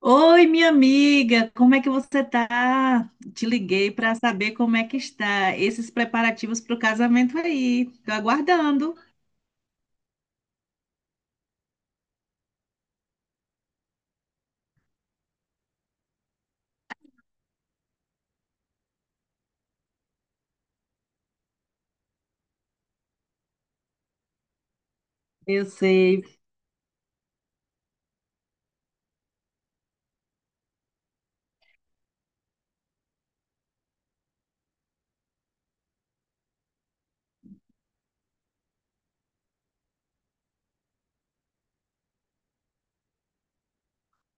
Oi, minha amiga, como é que você tá? Te liguei para saber como é que está esses preparativos para o casamento aí. Tô aguardando. Eu sei.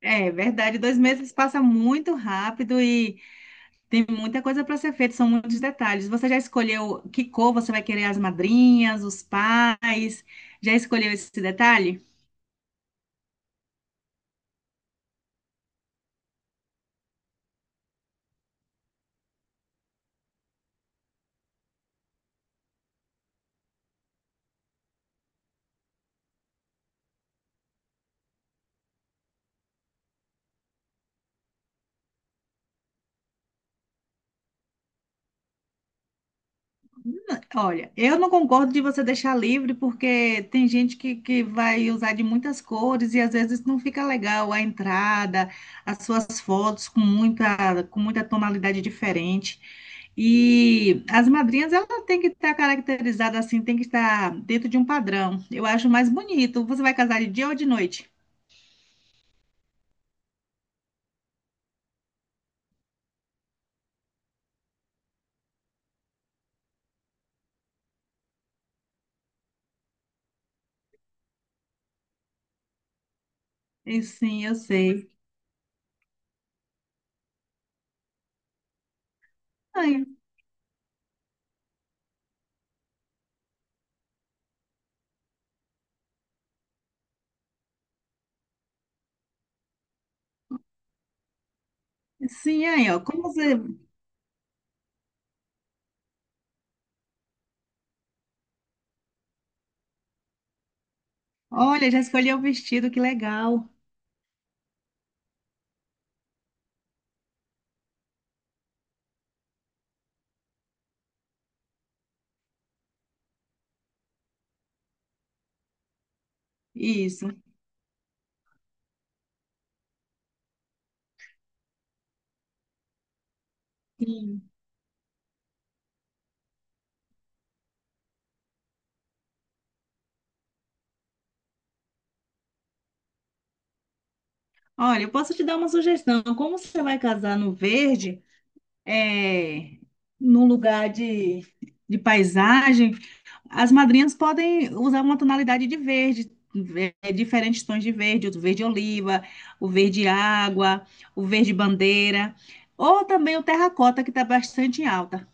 É verdade, 2 meses passa muito rápido e tem muita coisa para ser feita, são muitos detalhes. Você já escolheu que cor você vai querer as madrinhas, os pais? Já escolheu esse detalhe? Olha, eu não concordo de você deixar livre, porque tem gente que vai usar de muitas cores e às vezes não fica legal a entrada, as suas fotos com muita tonalidade diferente. E as madrinhas, ela tem que estar caracterizada assim, tem que estar dentro de um padrão. Eu acho mais bonito. Você vai casar de dia ou de noite? E sim, eu sei. Ai, sim, aí, ó. Como você. Olha, já escolheu o vestido, que legal. Isso. Sim. Olha, eu posso te dar uma sugestão. Como você vai casar no verde, é, num lugar de paisagem, as madrinhas podem usar uma tonalidade de verde, diferentes tons de verde, o verde oliva, o verde água, o verde bandeira, ou também o terracota, que está bastante em alta.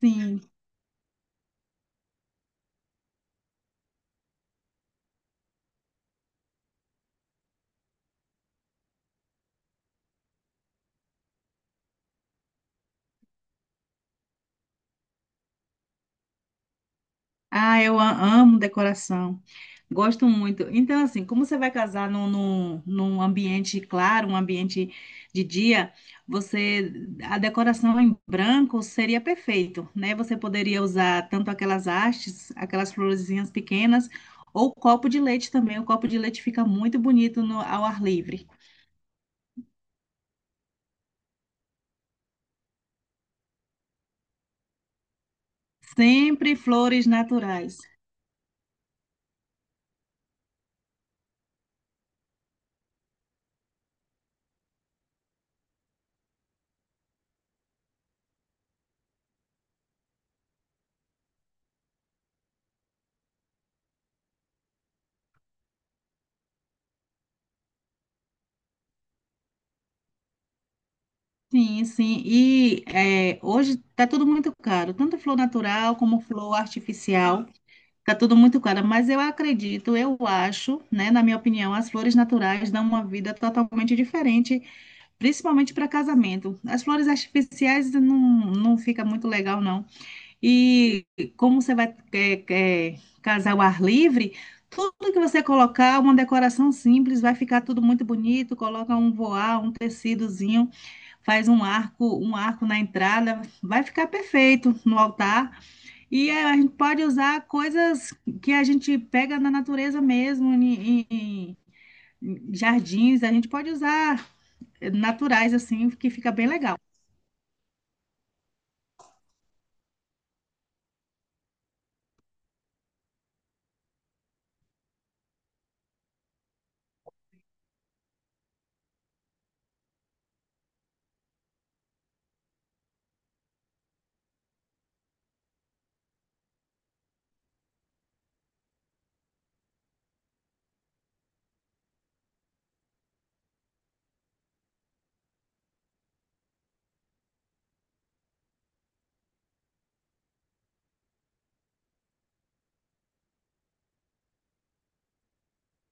Sim. Ah, eu amo decoração. Gosto muito. Então, assim, como você vai casar num ambiente claro, um ambiente de dia, você a decoração em branco seria perfeito, né? Você poderia usar tanto aquelas hastes, aquelas florezinhas pequenas, ou copo de leite também. O copo de leite fica muito bonito ao ar livre. Sempre flores naturais. Sim, sim. E hoje está tudo muito caro, tanto flor natural como flor artificial. Fica tudo muito claro, mas eu acredito, eu acho, né, na minha opinião, as flores naturais dão uma vida totalmente diferente, principalmente para casamento. As flores artificiais não, não fica muito legal, não. E como você vai casar ao ar livre, tudo que você colocar, uma decoração simples, vai ficar tudo muito bonito, coloca um voar, um tecidozinho, faz um arco na entrada, vai ficar perfeito no altar. E a gente pode usar coisas que a gente pega na natureza mesmo, em jardins, a gente pode usar naturais assim, que fica bem legal.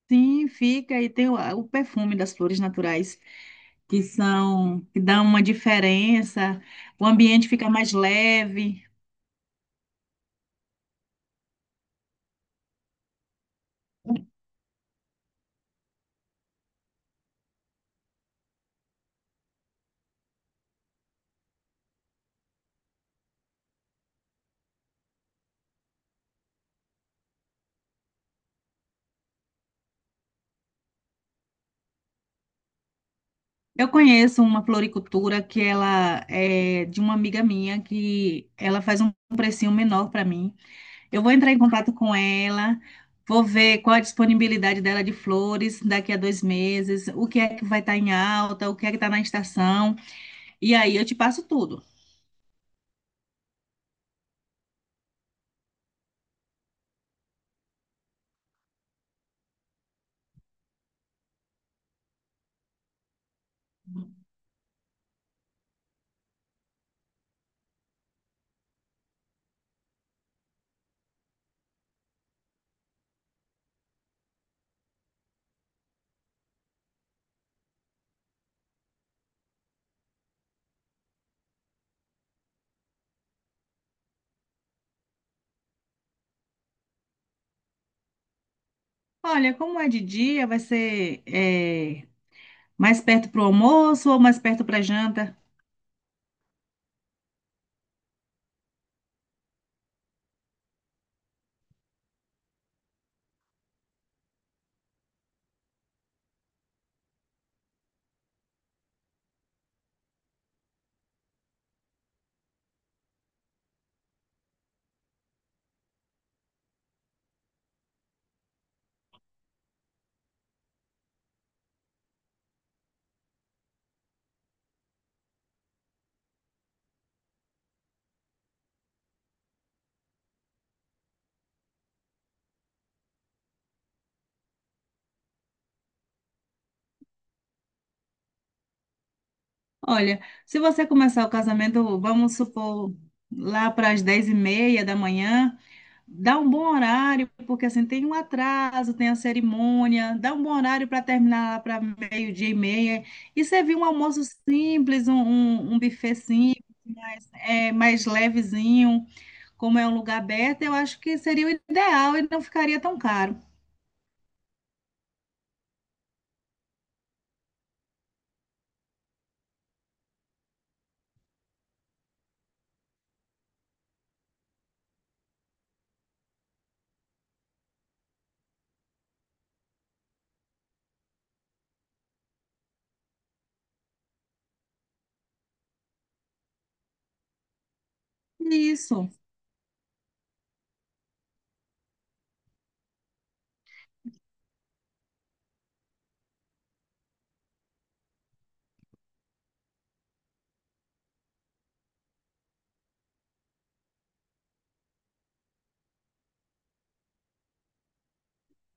Sim, fica, e tem o perfume das flores naturais, que são, que dão uma diferença, o ambiente fica mais leve. Eu conheço uma floricultura que ela é de uma amiga minha, que ela faz um precinho menor para mim. Eu vou entrar em contato com ela, vou ver qual a disponibilidade dela de flores daqui a 2 meses, o que é que vai estar em alta, o que é que está na estação, e aí eu te passo tudo. Olha, como é de dia, vai ser mais perto para o almoço ou mais perto para a janta? Olha, se você começar o casamento, vamos supor, lá para as 10:30 da manhã, dá um bom horário, porque assim tem um atraso, tem a cerimônia, dá um bom horário para terminar para meio-dia e meia. E servir um almoço simples, um buffet simples, mais, mais levezinho, como é um lugar aberto, eu acho que seria o ideal e não ficaria tão caro. Isso.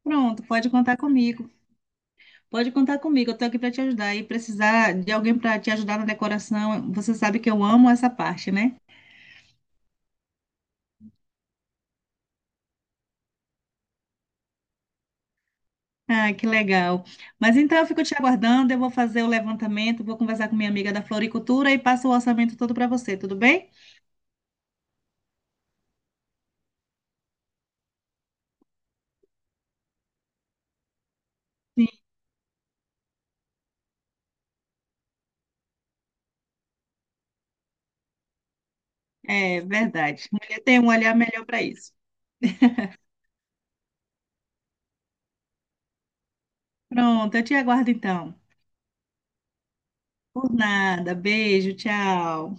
Pronto, pode contar comigo. Pode contar comigo, eu estou aqui para te ajudar. E precisar de alguém para te ajudar na decoração, você sabe que eu amo essa parte, né? Ah, que legal. Mas então eu fico te aguardando, eu vou fazer o levantamento, vou conversar com minha amiga da floricultura e passo o orçamento todo para você, tudo bem? Sim. É verdade. Mulher tem um olhar melhor para isso. Pronto, eu te aguardo então. Por nada. Beijo, tchau.